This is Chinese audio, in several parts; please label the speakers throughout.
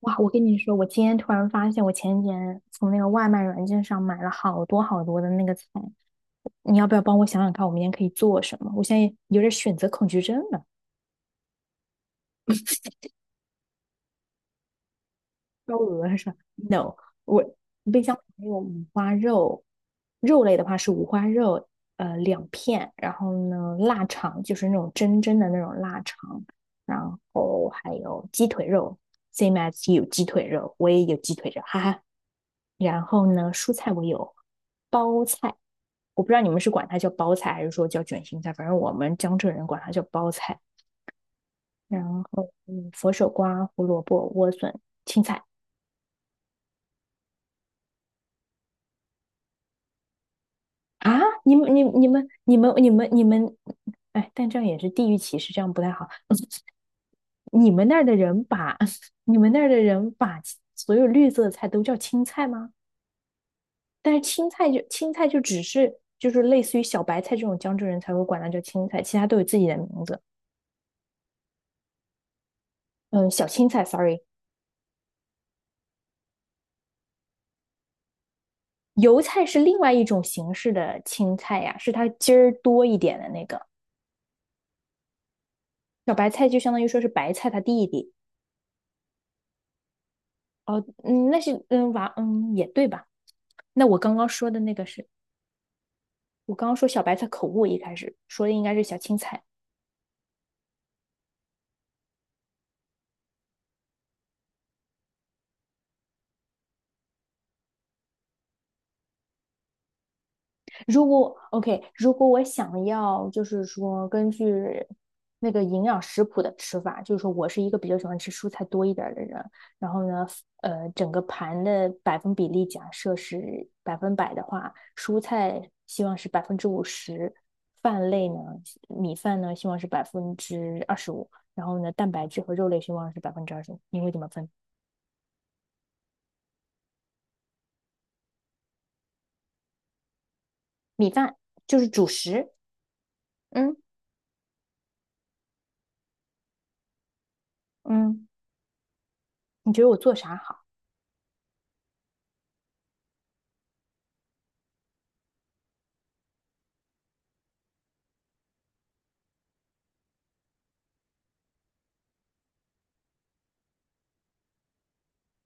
Speaker 1: 哇，我跟你说，我今天突然发现，我前几天从那个外卖软件上买了好多好多的那个菜。你要不要帮我想想看，我明天可以做什么？我现在有点选择恐惧症了，高额是吧？No，我冰箱没有，肉类的话是五花肉，2片，然后呢，腊肠就是那种真真的那种腊肠，然后还有鸡腿肉，same as you 鸡腿肉，我也有鸡腿肉，哈哈。然后呢，蔬菜我有包菜，我不知道你们是管它叫包菜还是说叫卷心菜，反正我们江浙人管它叫包菜。然后，佛手瓜、胡萝卜、莴笋、青菜啊，你们，哎，但这样也是地域歧视，这样不太好。你们那儿的人把 你们那儿的人把所有绿色的菜都叫青菜吗？但是青菜就是类似于小白菜这种江浙人才会管它叫青菜，其他都有自己的名字。嗯，小青菜，sorry，油菜是另外一种形式的青菜呀，是它筋儿多一点的那个。小白菜就相当于说是白菜它弟弟。哦，嗯，那是娃也对吧？那我刚刚说的那个是我刚刚说小白菜口误，一开始说的应该是小青菜。如果 OK，如果我想要，就是说根据那个营养食谱的吃法，就是说我是一个比较喜欢吃蔬菜多一点的人，然后呢，整个盘的百分比例假设是100%的话，蔬菜希望是50%，饭类呢，米饭呢希望是百分之二十五，然后呢，蛋白质和肉类希望是百分之二十五，你会怎么分？米饭就是主食，嗯，嗯，你觉得我做啥好？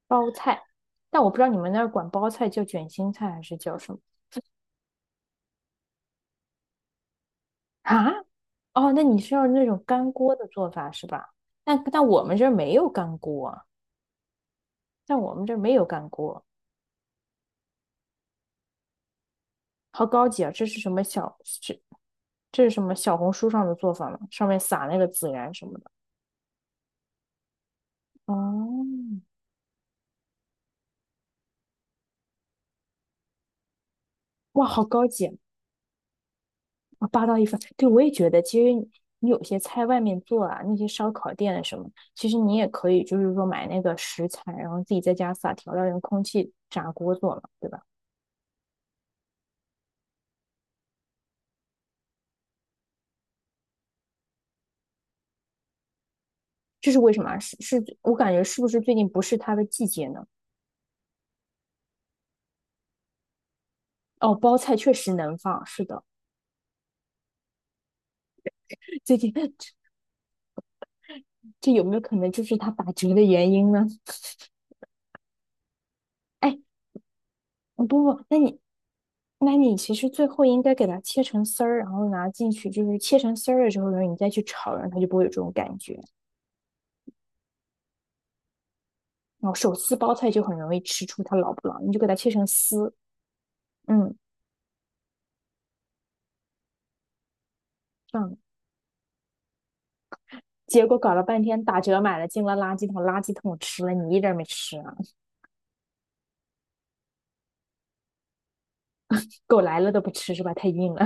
Speaker 1: 包菜，但我不知道你们那儿管包菜叫卷心菜还是叫什么啊？哦，那你是要那种干锅的做法是吧？但我们这儿没有干锅啊，但我们这儿没有干锅。好高级啊！这是什么小红书上的做法吗？上面撒那个孜然什么的。哦，哇，好高级！啊，霸道一方，对，我也觉得，其实你有些菜外面做啊，那些烧烤店啊什么，其实你也可以，就是说买那个食材，然后自己在家撒调料，用空气炸锅做嘛，对吧？这是为什么啊，我感觉是不是最近不是它的季节呢？哦，包菜确实能放，是的，最近 这有没有可能就是它打折的原因呢？哎，不不，那你其实最后应该给它切成丝儿，然后拿进去，就是切成丝儿了之后，然后你再去炒，然后它就不会有这种感觉。然后手撕包菜就很容易吃出它老不老，你就给它切成丝，嗯，嗯，结果搞了半天打折买了，进了垃圾桶，垃圾桶吃了，你一点儿没吃啊！狗来了都不吃是吧？太硬了。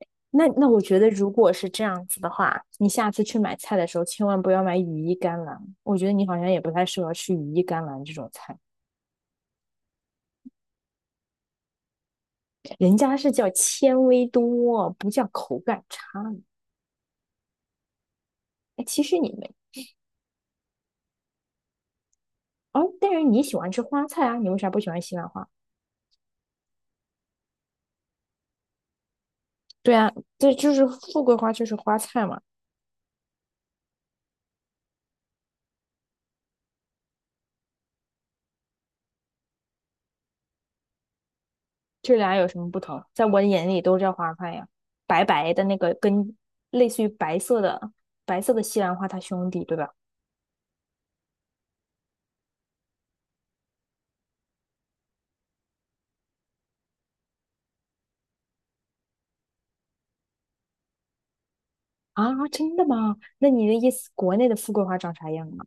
Speaker 1: 那我觉得，如果是这样子的话，你下次去买菜的时候，千万不要买羽衣甘蓝。我觉得你好像也不太适合吃羽衣甘蓝这种菜，人家是叫纤维多，不叫口感差。哎，其实你们哦，但是你喜欢吃花菜啊，你为啥不喜欢西兰花？对啊，这就是富贵花，就是花菜嘛，这俩有什么不同？在我的眼里都叫花菜呀，白白的那个跟类似于白色的西兰花它兄弟，对吧？啊，真的吗？那你的意思，国内的富贵花长啥样啊？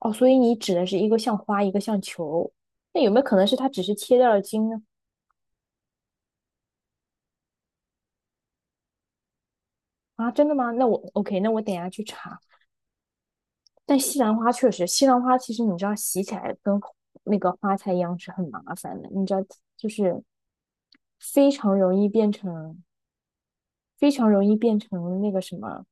Speaker 1: 哦，所以你指的是一个像花，一个像球，那有没有可能是它只是切掉了茎呢？啊，真的吗？那我 OK，那我等一下去查。但西兰花确实，西兰花其实你知道洗起来跟那个花菜一样是很麻烦的，你知道就是非常容易变成非常容易变成那个什么，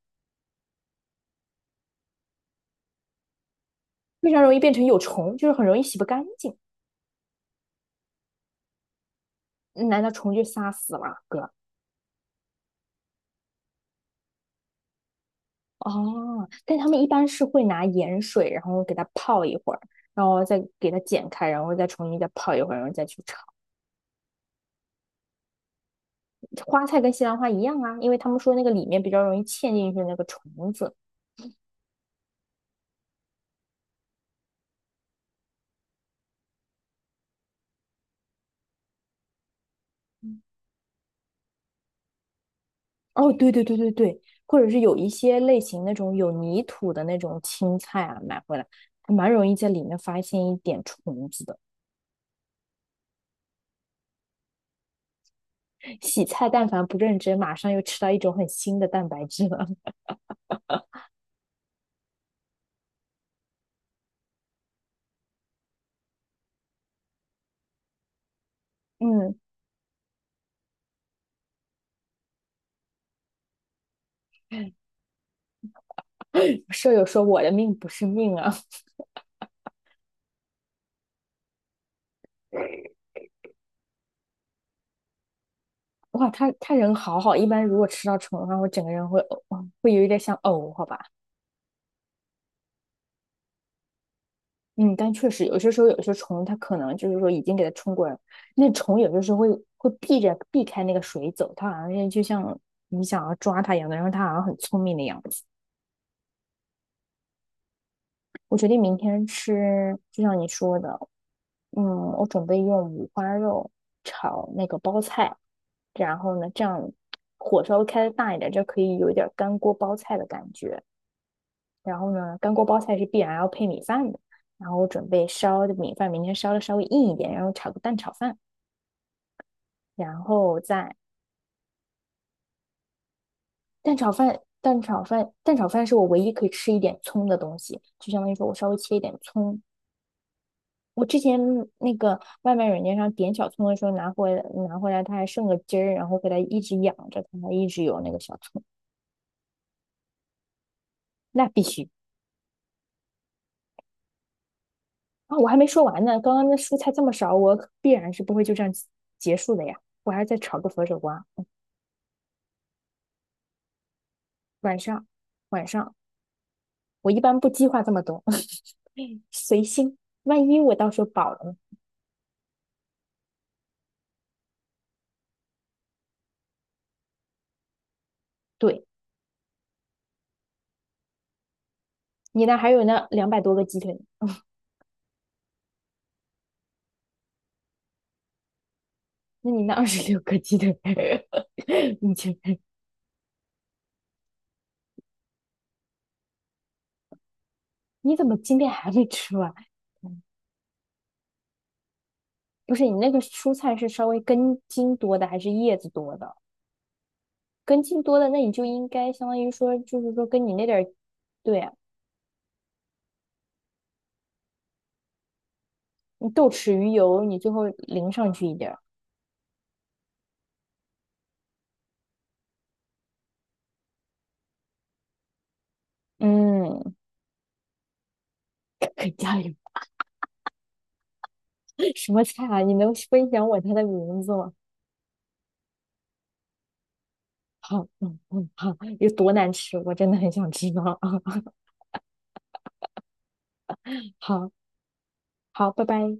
Speaker 1: 非常容易变成有虫，就是很容易洗不干净。难道虫就杀死了哥？哦，但他们一般是会拿盐水，然后给它泡一会儿，然后再给它剪开，然后再重新再泡一会儿，然后再去炒。花菜跟西兰花一样啊，因为他们说那个里面比较容易嵌进去那个虫子。哦，对对对对对，或者是有一些类型那种有泥土的那种青菜啊，买回来还蛮容易在里面发现一点虫子的。洗菜但凡不认真，马上又吃到一种很新的蛋白质了。嗯，舍友说我的命不是命啊，哇，他人好好，一般如果吃到虫的话，我整个人会呕，会有一点想呕，好吧。嗯，但确实有些时候，有些虫它可能就是说已经给它冲过来了，那虫有些时候会避着避开那个水走，它好像是就像你想要抓它一样的，然后它好像很聪明的样子。我决定明天吃，就像你说的，嗯，我准备用五花肉炒那个包菜，然后呢，这样火稍微开的大一点，就可以有一点干锅包菜的感觉。然后呢，干锅包菜是必然要配米饭的。然后我准备烧的米饭，明天烧的稍微硬一点，然后炒个蛋炒饭，然后再蛋炒饭是我唯一可以吃一点葱的东西，就相当于说我稍微切一点葱。我之前那个外卖软件上点小葱的时候，拿回来，它还剩个汁儿，然后给它一直养着，它还一直有那个小葱，那必须。啊，我还没说完呢，刚刚那蔬菜这么少，我必然是不会就这样结束的呀，我还要再炒个佛手瓜。晚上，晚上，我一般不计划这么多，随心。万一我到时候饱了呢？对，你那还有那200多个鸡腿，那你那26个鸡腿，你这你怎么今天还没吃完？嗯不是，你那个蔬菜是稍微根茎多的还是叶子多的？根茎多的，那你就应该相当于说，就是说跟你那点儿，对啊，你豆豉鱼油，你最后淋上去一点儿，嗯，可以加油 什么菜啊？你能分享我它的名字吗？好，嗯嗯，好，有多难吃？我真的很想知道啊！好好，拜拜。